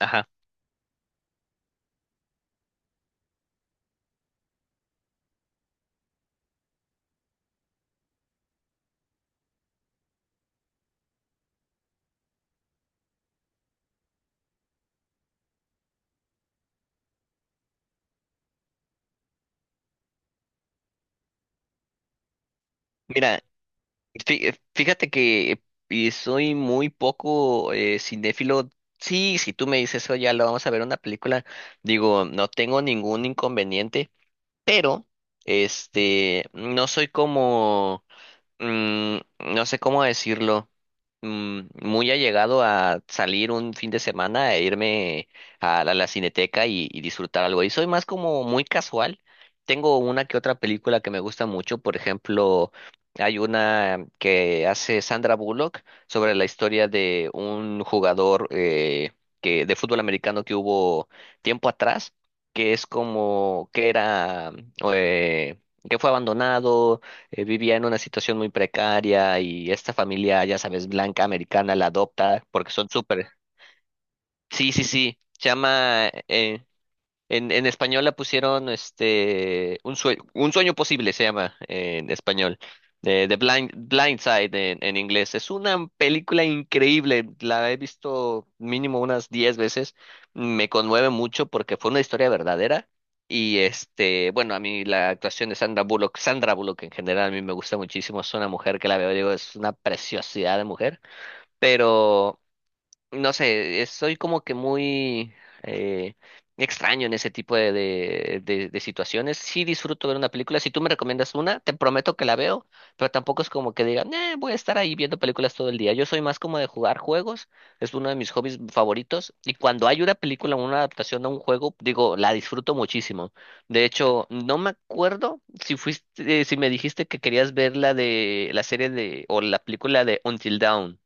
Ajá. Mira, fíjate que soy muy poco cinéfilo. Sí, si tú me dices eso, ya lo vamos a ver una película. Digo, no tengo ningún inconveniente, pero este, no soy como mm, no sé cómo decirlo, muy allegado a salir un fin de semana e irme a la cineteca y disfrutar algo. Y soy más como muy casual. Tengo una que otra película que me gusta mucho, por ejemplo, hay una que hace Sandra Bullock sobre la historia de un jugador de fútbol americano que hubo tiempo atrás, que es como que era, eh, que fue abandonado, vivía en una situación muy precaria, y esta familia, ya sabes, blanca americana la adopta porque son súper. Sí, sí, sí. Se llama, en español la pusieron, este, Un Sueño, Un Sueño Posible se llama en español. Blind Side en inglés. Es una película increíble. La he visto mínimo unas 10 veces. Me conmueve mucho porque fue una historia verdadera. Y este, bueno, a mí la actuación de Sandra Bullock en general a mí me gusta muchísimo. Es una mujer que la veo, digo, es una preciosidad de mujer. Pero no sé, soy como que muy eh, extraño en ese tipo de situaciones. Sí, disfruto ver una película. Si tú me recomiendas una, te prometo que la veo, pero tampoco es como que diga: "Nah, voy a estar ahí viendo películas todo el día". Yo soy más como de jugar juegos, es uno de mis hobbies favoritos. Y cuando hay una película o una adaptación a un juego, digo, la disfruto muchísimo. De hecho, no me acuerdo si fuiste, si me dijiste que querías ver la de la serie de o la película de Until Dawn.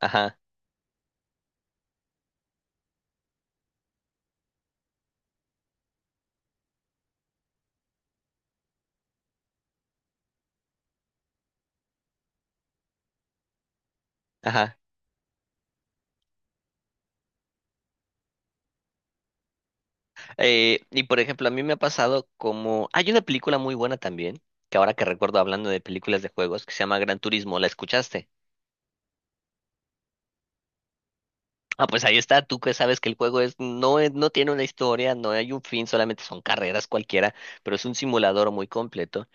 Ajá, ajá. Y por ejemplo, a mí me ha pasado como... Hay una película muy buena también, que ahora que recuerdo, hablando de películas de juegos, que se llama Gran Turismo, ¿la escuchaste? Ah, pues ahí está, tú que sabes que el juego, es, no, no tiene una historia, no hay un fin, solamente son carreras cualquiera, pero es un simulador muy completo.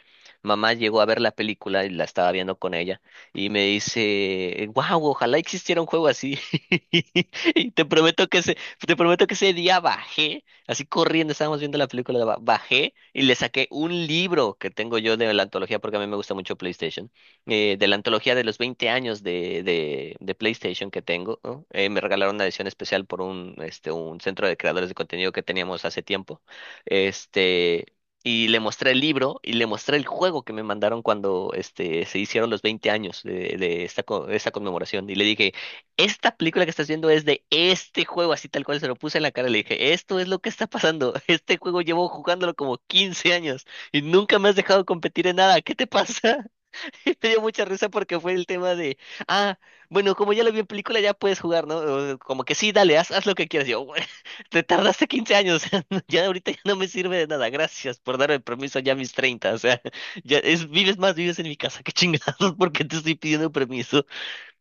Mamá llegó a ver la película y la estaba viendo con ella y me dice: wow, ojalá existiera un juego así. Y te prometo que ese, te prometo que ese día bajé, así corriendo, estábamos viendo la película, bajé y le saqué un libro que tengo yo de la antología, porque a mí me gusta mucho PlayStation, de la antología de los 20 años de PlayStation que tengo, ¿no? Me regalaron una edición especial por un, este, un centro de creadores de contenido que teníamos hace tiempo. Este, y le mostré el libro y le mostré el juego que me mandaron cuando este, se hicieron los 20 años de esta, de esta conmemoración. Y le dije, esta película que estás viendo es de este juego, así tal cual se lo puse en la cara. Le dije, esto es lo que está pasando. Este juego llevo jugándolo como 15 años y nunca me has dejado competir en nada. ¿Qué te pasa? Me dio mucha risa porque fue el tema de, ah, bueno, como ya lo vi en película, ya puedes jugar, ¿no? O como que sí, dale, haz lo que quieras. Yo, "Bueno, te tardaste 15 años, ya ahorita ya no me sirve de nada. Gracias por darme permiso ya a mis 30, o sea, ya es, vives más, vives en mi casa, qué chingados, porque te estoy pidiendo permiso".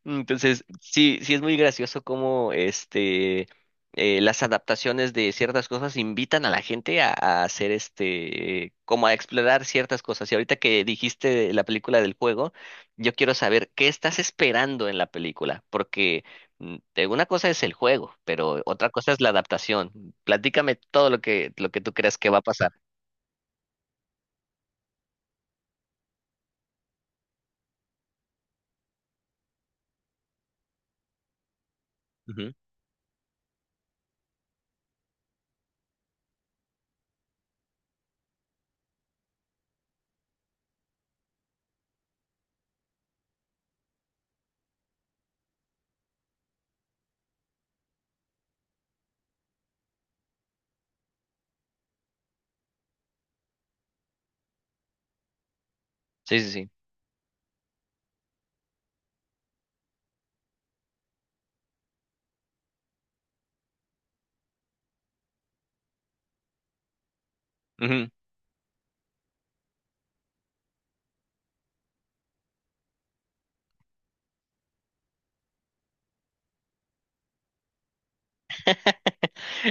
Entonces, sí, sí es muy gracioso cómo este, las adaptaciones de ciertas cosas invitan a la gente a hacer este, como a explorar ciertas cosas. Y ahorita que dijiste la película del juego, yo quiero saber qué estás esperando en la película, porque una cosa es el juego, pero otra cosa es la adaptación. Platícame todo lo que tú creas que va a pasar. Ujú. Sí, sí, sí.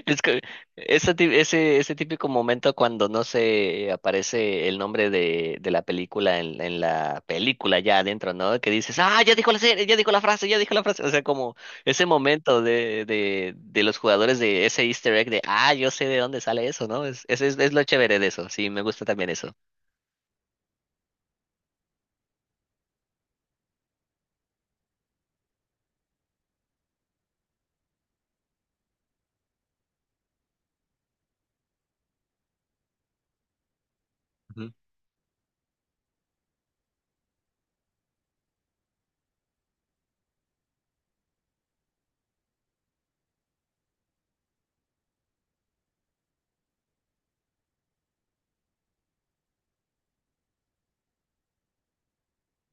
Es que ese típico momento cuando no se aparece el nombre de la película en la película ya adentro, ¿no? Que dices, ah, ya dijo la serie, ya dijo la frase, ya dijo la frase. O sea, como ese momento de, de los jugadores, de ese Easter egg de, ah, yo sé de dónde sale eso, ¿no? Es es lo chévere de eso. Sí, me gusta también eso. Ujú,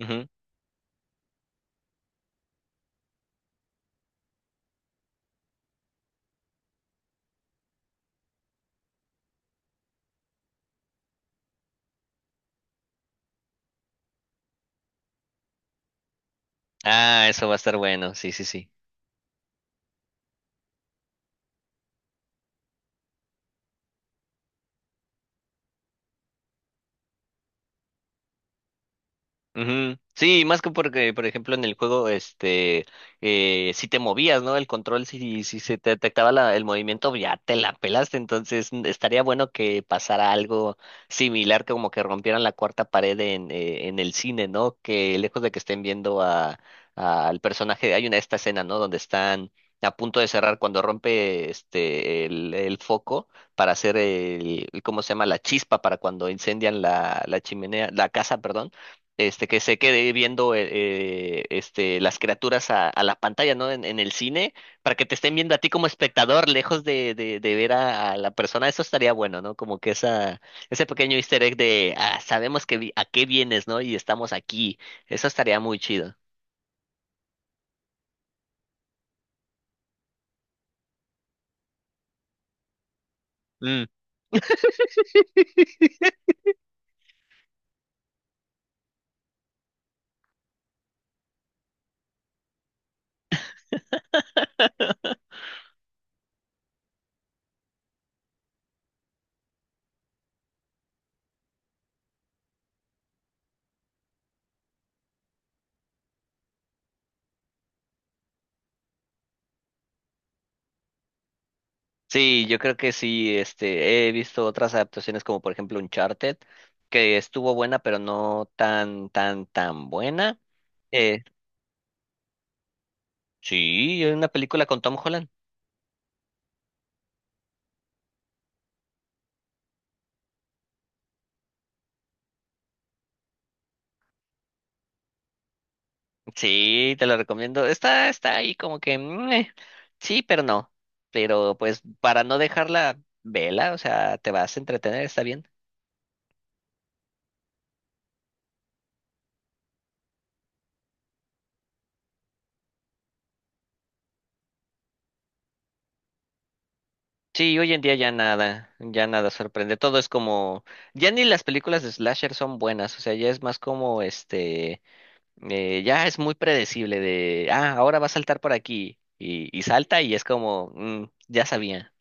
ujú. Ah, eso va a estar bueno. Sí, sí, sí. Ujú. Sí, más que porque, por ejemplo, en el juego, este, si te movías, ¿no? El control, si se te detectaba el movimiento, ya te la pelaste. Entonces, estaría bueno que pasara algo similar, como que rompieran la cuarta pared en el cine, ¿no? Que lejos de que estén viendo a, al personaje, hay una esta escena, ¿no? Donde están a punto de cerrar cuando rompe este el foco para hacer ¿cómo se llama? La chispa para cuando incendian la, la chimenea, la casa, perdón, este, que se quede viendo este, las criaturas a la pantalla, ¿no? En el cine, para que te estén viendo a ti como espectador, lejos de, de ver a la persona. Eso estaría bueno, ¿no? Como que esa, ese pequeño easter egg de, ah, sabemos que a qué vienes, ¿no? Y estamos aquí. Eso estaría muy chido. Mm, sí, yo creo que sí, este, he visto otras adaptaciones como por ejemplo Uncharted, que estuvo buena, pero no tan, tan buena. Eh, sí, es una película con Tom Holland. Sí, te lo recomiendo. Está, está ahí como que sí, pero no. Pero pues para no dejarla vela, o sea, te vas a entretener, está bien. Sí, hoy en día ya nada sorprende. Todo es como, ya ni las películas de slasher son buenas, o sea, ya es más como este, ya es muy predecible de, ah, ahora va a saltar por aquí y salta y es como, "Mm, ya sabía".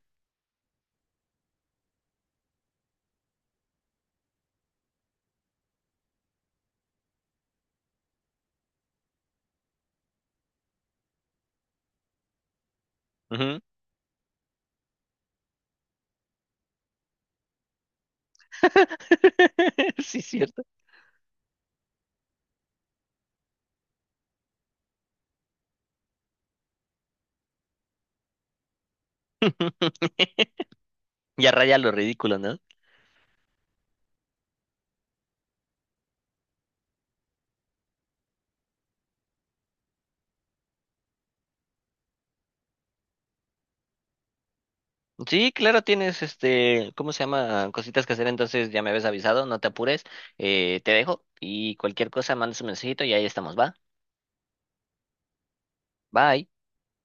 Ujú. Sí, cierto. Ya raya lo ridículo, ¿no? Sí, claro, tienes este, ¿cómo se llama? Cositas que hacer, entonces ya me habías avisado, no te apures, te dejo y cualquier cosa mandas un mensajito y ahí estamos, va. Bye.